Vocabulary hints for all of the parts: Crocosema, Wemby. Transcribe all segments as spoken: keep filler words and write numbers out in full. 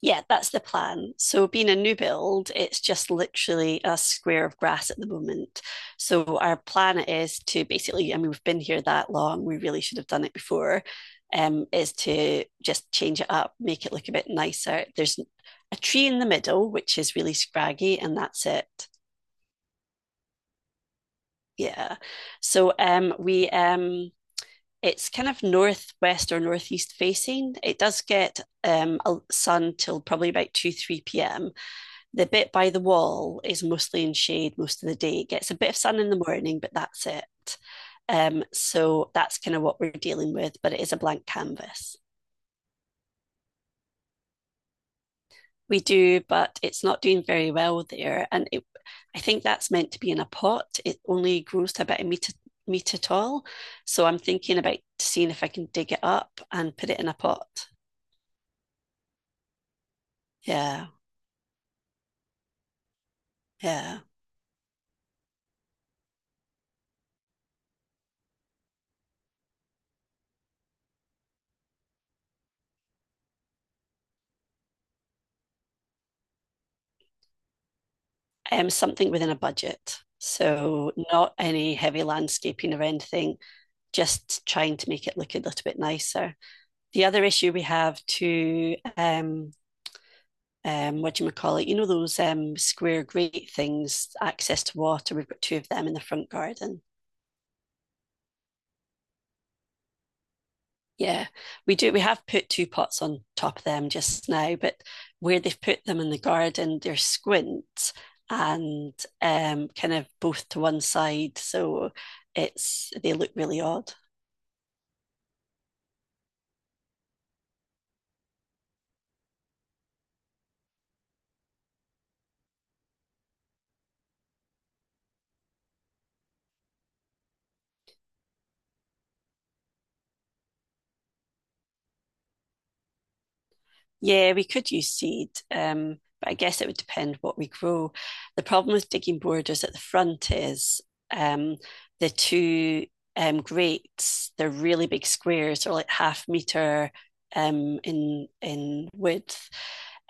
Yeah, that's the plan. So, being a new build, it's just literally a square of grass at the moment. So, our plan is to basically, I mean, we've been here that long, we really should have done it before, um, is to just change it up, make it look a bit nicer. There's a tree in the middle, which is really scraggy, and that's it. Yeah. So, um, we, um, it's kind of northwest or northeast facing. It does get um, sun till probably about two, three p m The bit by the wall is mostly in shade most of the day. It gets a bit of sun in the morning, but that's it. Um, so that's kind of what we're dealing with, but it is a blank canvas. We do, but it's not doing very well there. And it, I think that's meant to be in a pot. It only grows to about a meter, meter tall. So I'm thinking about seeing if I can dig it up and put it in a pot. Yeah, yeah. Um, something within a budget. So not any heavy landscaping or anything, just trying to make it look a little bit nicer. The other issue we have to um, um, what do you call it? You know those um, square grate things, access to water. We've got two of them in the front garden. Yeah, we do. We have put two pots on top of them just now, but where they've put them in the garden, they're squint and um, kind of both to one side, so it's they look really odd. Yeah, we could use seed, um, but I guess it would depend what we grow. The problem with digging borders at the front is um, the two um, grates, they're really big squares, or like half meter um, in in width.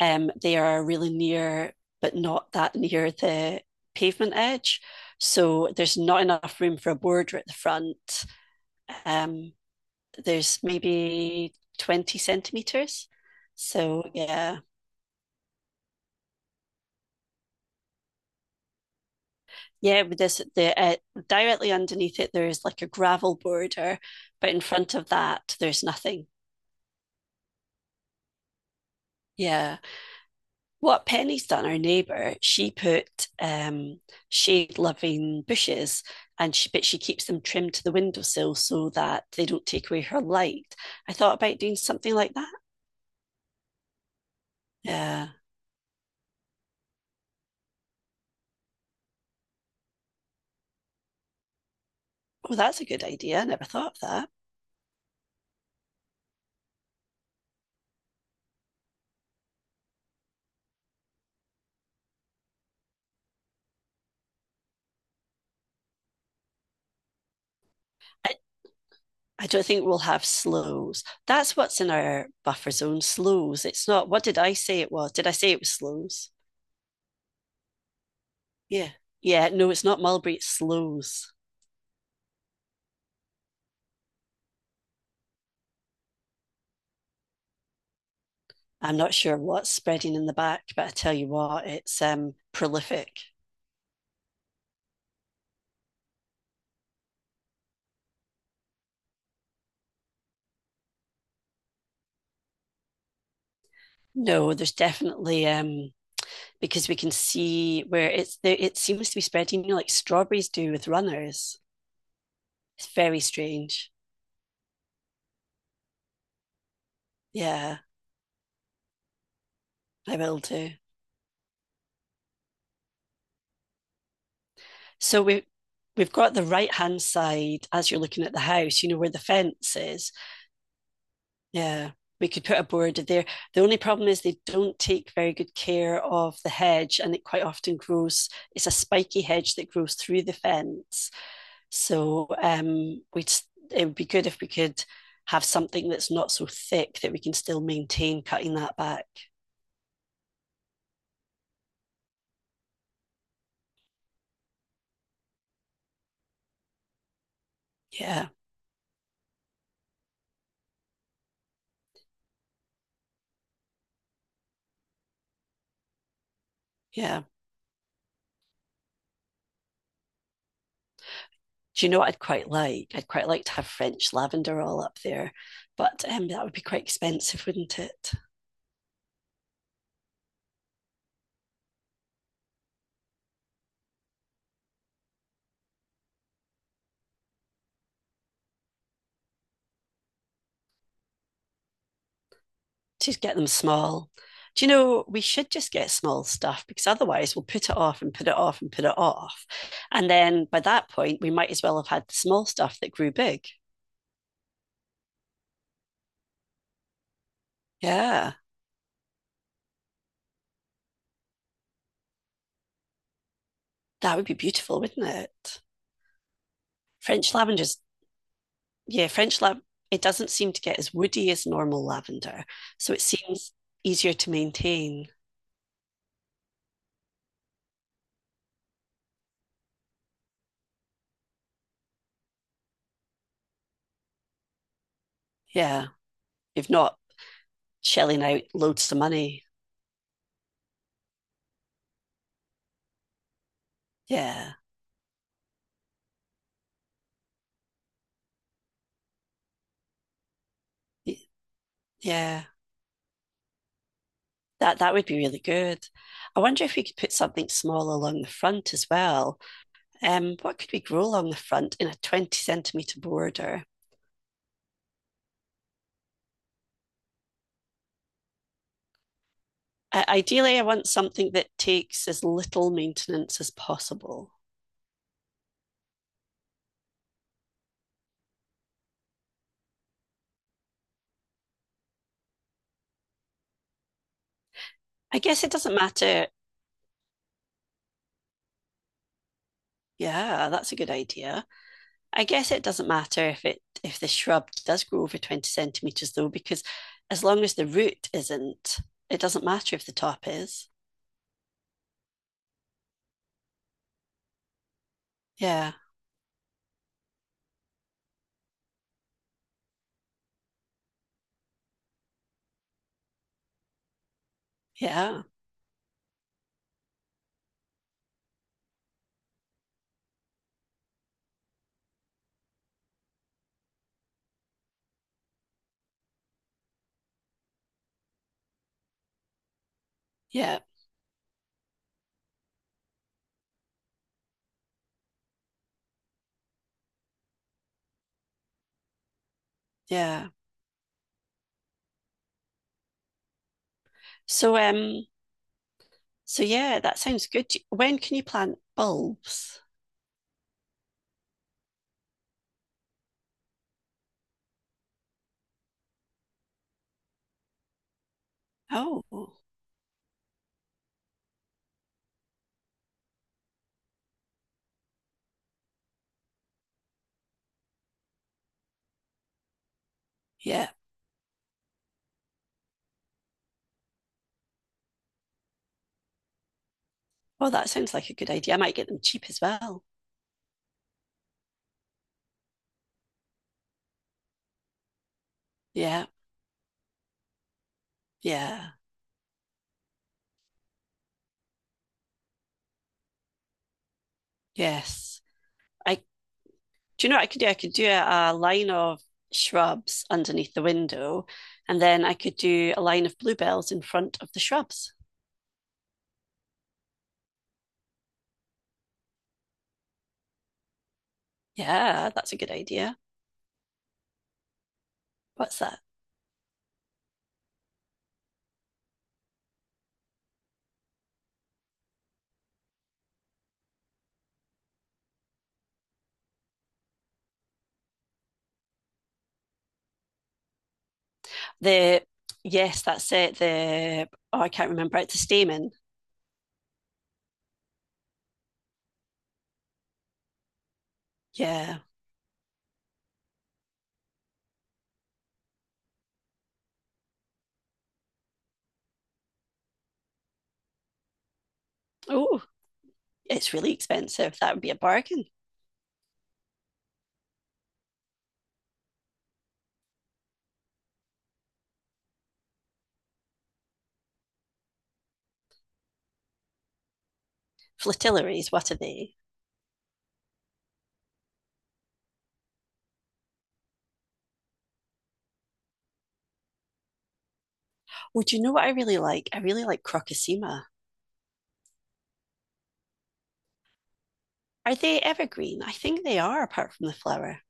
Um, they are really near, but not that near the pavement edge. So there's not enough room for a border at the front. Um, there's maybe twenty centimeters. So yeah. Yeah, with this the uh, directly underneath it there is like a gravel border, but in front of that there's nothing. Yeah. What Penny's done, our neighbour, she put um, shade-loving bushes, and she but she keeps them trimmed to the windowsill so that they don't take away her light. I thought about doing something like that. Yeah. Oh, that's a good idea. I never thought of that. I, I don't think we'll have slows. That's what's in our buffer zone, slows. It's not, what did I say it was? Did I say it was slows? Yeah. Yeah. No, it's not mulberry, it's sloes. I'm not sure what's spreading in the back, but I tell you what, it's um prolific. No, there's definitely um because we can see where it's it seems to be spreading, you know, like strawberries do with runners. It's very strange. Yeah, I will do. So we we've got the right hand side as you're looking at the house, you know, where the fence is. Yeah, we could put a border there. The only problem is they don't take very good care of the hedge, and it quite often grows. It's a spiky hedge that grows through the fence. So um, we'd it would be good if we could have something that's not so thick that we can still maintain cutting that back. Yeah, yeah. Do you know what I'd quite like? I'd quite like to have French lavender all up there, but um, that would be quite expensive, wouldn't it? To get them small. Do you know, we should just get small stuff because otherwise we'll put it off and put it off and put it off. And then by that point, we might as well have had the small stuff that grew big. Yeah, that would be beautiful, wouldn't it? French lavender's, yeah, French lav, it doesn't seem to get as woody as normal lavender. So it seems easier to maintain. Yeah, you've not shelling out loads of money. Yeah, yeah. That that would be really good. I wonder if we could put something small along the front as well. Um, what could we grow along the front in a twenty centimeter border? I, ideally, I want something that takes as little maintenance as possible. I guess it doesn't matter. Yeah, that's a good idea. I guess it doesn't matter if it if the shrub does grow over twenty centimeters though, because as long as the root isn't, it doesn't matter if the top is. Yeah, yeah, yeah, yeah. So um So yeah, that sounds good. Do- When can you plant bulbs? Oh, yeah. Oh, that sounds like a good idea. I might get them cheap as well. Yeah, yeah, yes. I Do you know what I could do? I could do a, a line of shrubs underneath the window, and then I could do a line of bluebells in front of the shrubs. Yeah, that's a good idea. What's that? The Yes, that's it. The Oh, I can't remember. It's a stamen. Yeah. Oh, it's really expensive. That would be a bargain. Flatillaries, what are they? Oh, do you know what I really like? I really like Crocosema. Are they evergreen? I think they are, apart from the flower.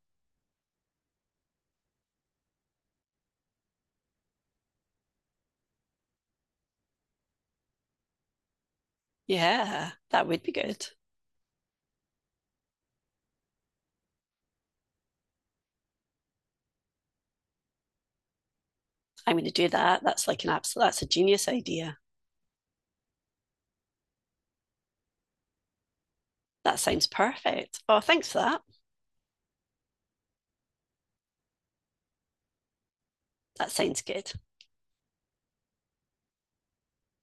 Yeah, that would be good. I'm going to do that. That's like an absolute, that's a genius idea. That sounds perfect. Oh, thanks for that. That sounds good.